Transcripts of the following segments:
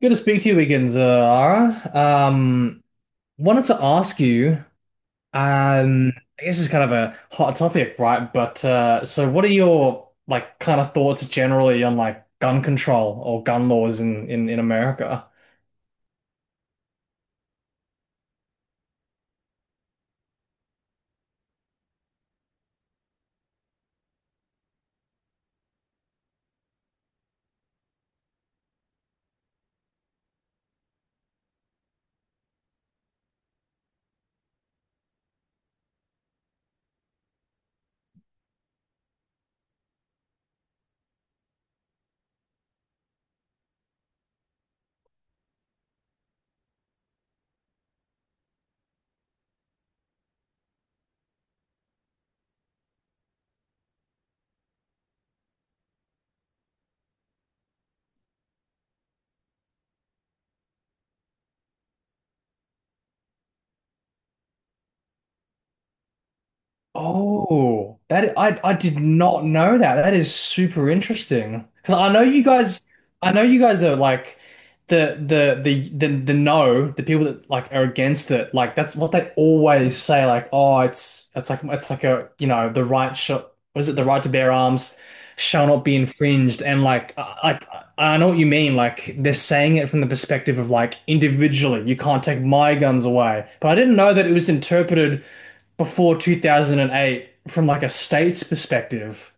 Good to speak to you again, Zara. Wanted to ask you, um, I guess it's kind of a hot topic, right? But so what are your like kind of thoughts generally on like gun control or gun laws in America? Oh, that I did not know that. That is super interesting. Because I know you guys, I know you guys are like the no, the people that like are against it. Like that's what they always say. Like, oh, it's like a you know the right shall, was it the right to bear arms shall not be infringed. And like, I know what you mean. Like they're saying it from the perspective of like individually, you can't take my guns away. But I didn't know that it was interpreted before 2008 from like a state's perspective.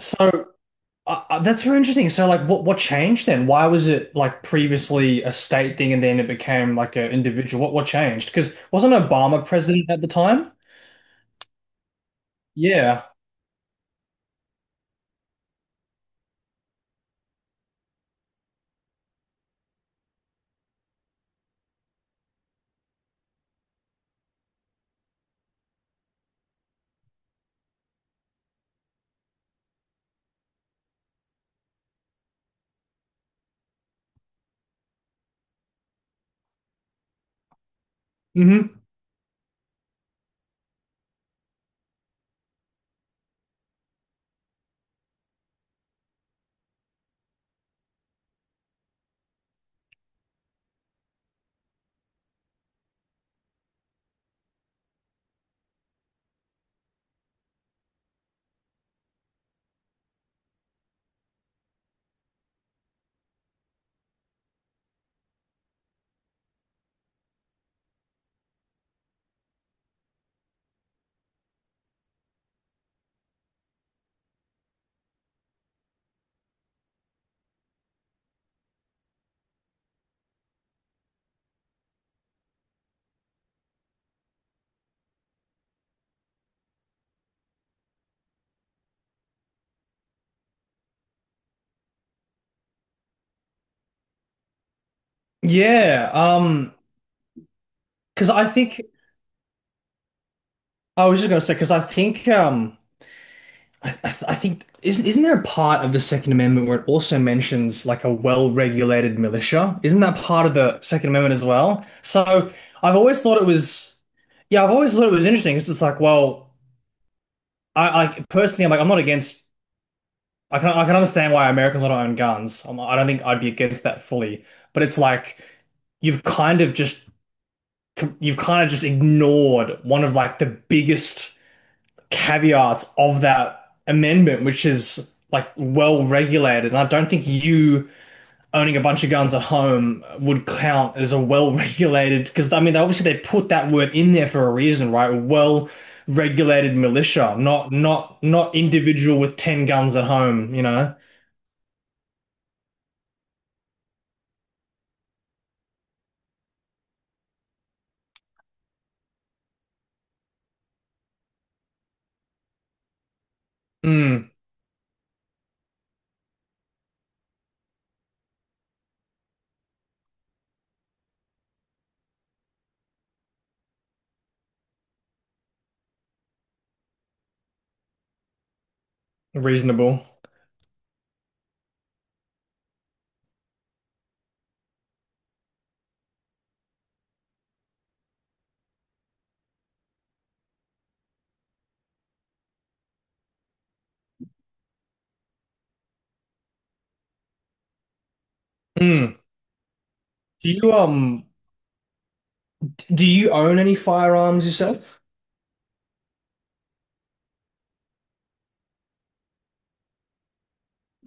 So that's very interesting. So like what changed then? Why was it like previously a state thing and then it became like an individual? What changed? Because wasn't Obama president at the time? Yeah. Hmm. Yeah. Because I think I was just gonna say because I think I think isn't there a part of the Second Amendment where it also mentions like a well-regulated militia? Isn't that part of the Second Amendment as well? So I've always thought it was, yeah, I've always thought it was interesting. It's just like, well, I personally, I'm like, I'm not against, I can, I can understand why Americans don't own guns. I don't think I'd be against that fully, but it's like you've kind of just, you've kind of just ignored one of like the biggest caveats of that amendment, which is like well regulated. And I don't think you owning a bunch of guns at home would count as a well regulated, because I mean obviously they put that word in there for a reason, right? Well regulated militia, not individual with ten guns at home, you know? Mm, reasonable. Mm. Do you um do you own any firearms yourself?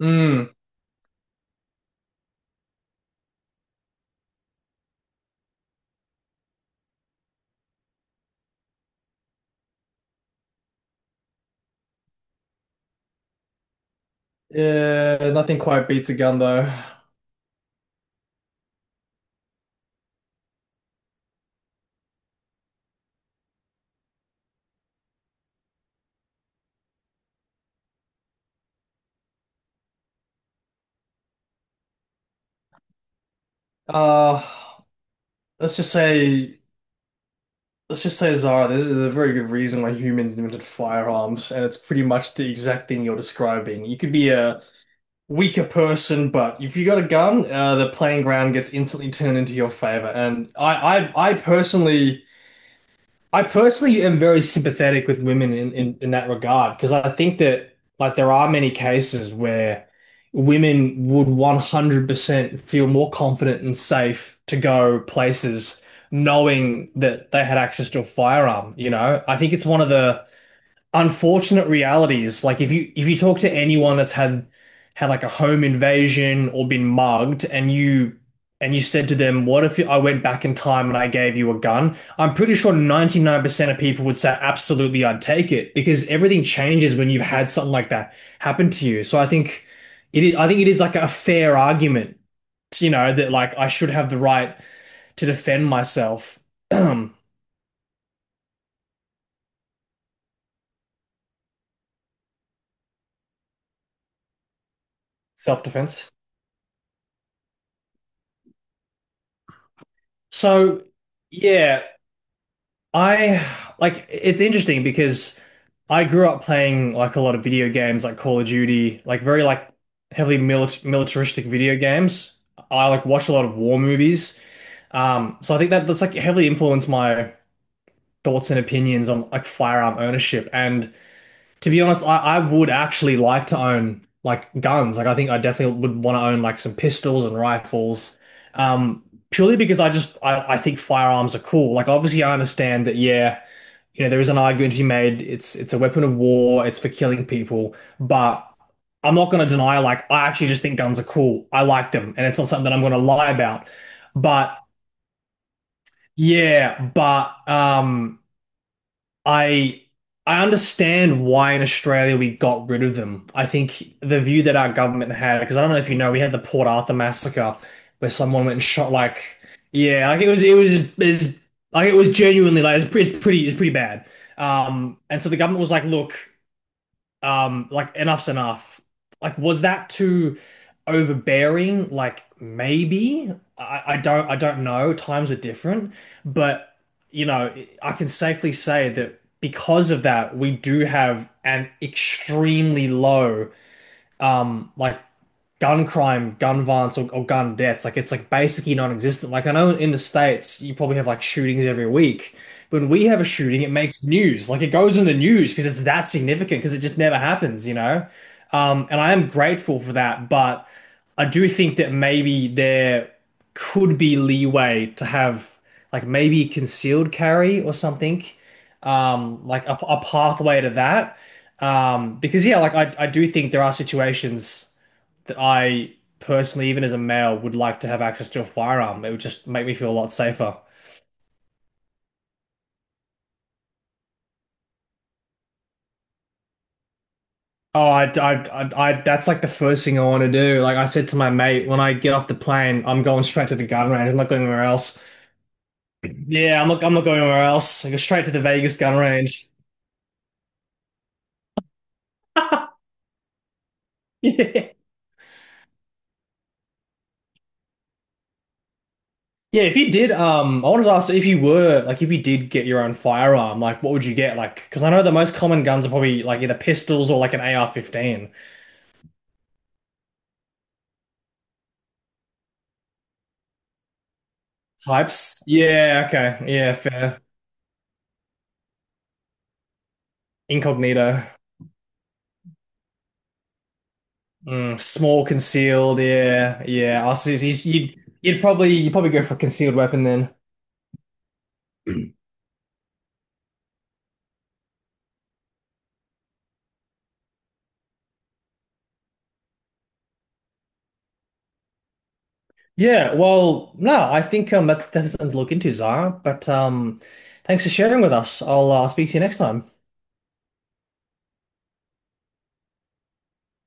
Mm. Yeah, nothing quite beats a gun though. Uh let's just say, let's just say, Zara, there's a very good reason why humans invented firearms, and it's pretty much the exact thing you're describing. You could be a weaker person, but if you got a gun, the playing ground gets instantly turned into your favor. And I personally. I personally am very sympathetic with women in that regard because I think that like there are many cases where women would 100% feel more confident and safe to go places knowing that they had access to a firearm, you know? I think it's one of the unfortunate realities. Like if you, if you talk to anyone that's had like a home invasion or been mugged, and you said to them, what if I went back in time and I gave you a gun? I'm pretty sure 99% of people would say absolutely I'd take it, because everything changes when you've had something like that happen to you. So I think it is, I think it is like a fair argument, you know, that like I should have the right to defend myself. Self-defense. So, yeah, I, like it's interesting because I grew up playing like a lot of video games like Call of Duty, like very like heavily milit militaristic video games. I like watch a lot of war movies. So I think that that's like heavily influenced my thoughts and opinions on like firearm ownership. And to be honest, I would actually like to own like guns. Like I think I definitely would want to own like some pistols and rifles. Um, purely because I just I think firearms are cool. Like obviously I understand that, yeah, you know, there is an argument to be made. It's a weapon of war. It's for killing people. But I'm not going to deny, like, I actually just think guns are cool. I like them, and it's not something that I'm going to lie about. But yeah, but I I understand why in Australia we got rid of them. I think the view that our government had, because I don't know if you know, we had the Port Arthur massacre where someone went and shot like, yeah, like it was, like it was genuinely like it pretty it's pretty, it's pretty bad. And so the government was like, look, like enough's enough. Like was that too overbearing? Like maybe, I don't, I don't know, times are different, but, you know, I can safely say that because of that we do have an extremely low like gun crime, gun violence, or gun deaths. Like it's like basically non-existent. Like I know in the States you probably have like shootings every week. When we have a shooting, it makes news. Like it goes in the news because it's that significant because it just never happens, you know? And I am grateful for that, but I do think that maybe there could be leeway to have like maybe concealed carry or something, like a pathway to that. Because yeah, like I do think there are situations that I personally, even as a male, would like to have access to a firearm. It would just make me feel a lot safer. Oh, that's like the first thing I want to do. Like I said to my mate, when I get off the plane, I'm going straight to the gun range. I'm not going anywhere else. Yeah, I'm not going anywhere else. I go straight to the Vegas gun range. Yeah. Yeah, if you did, I wanted to ask if you were, like, if you did get your own firearm, like, what would you get? Like, because I know the most common guns are probably, like, either pistols or, like, an AR-15 types. Yeah, okay. Yeah, fair. Incognito. Mm, small concealed. Yeah, yeah. I see. you'd you'd probably go for a concealed weapon then. Yeah. Well, no, I think that, that's something to look into, Zara. But thanks for sharing with us. I'll speak to you next time.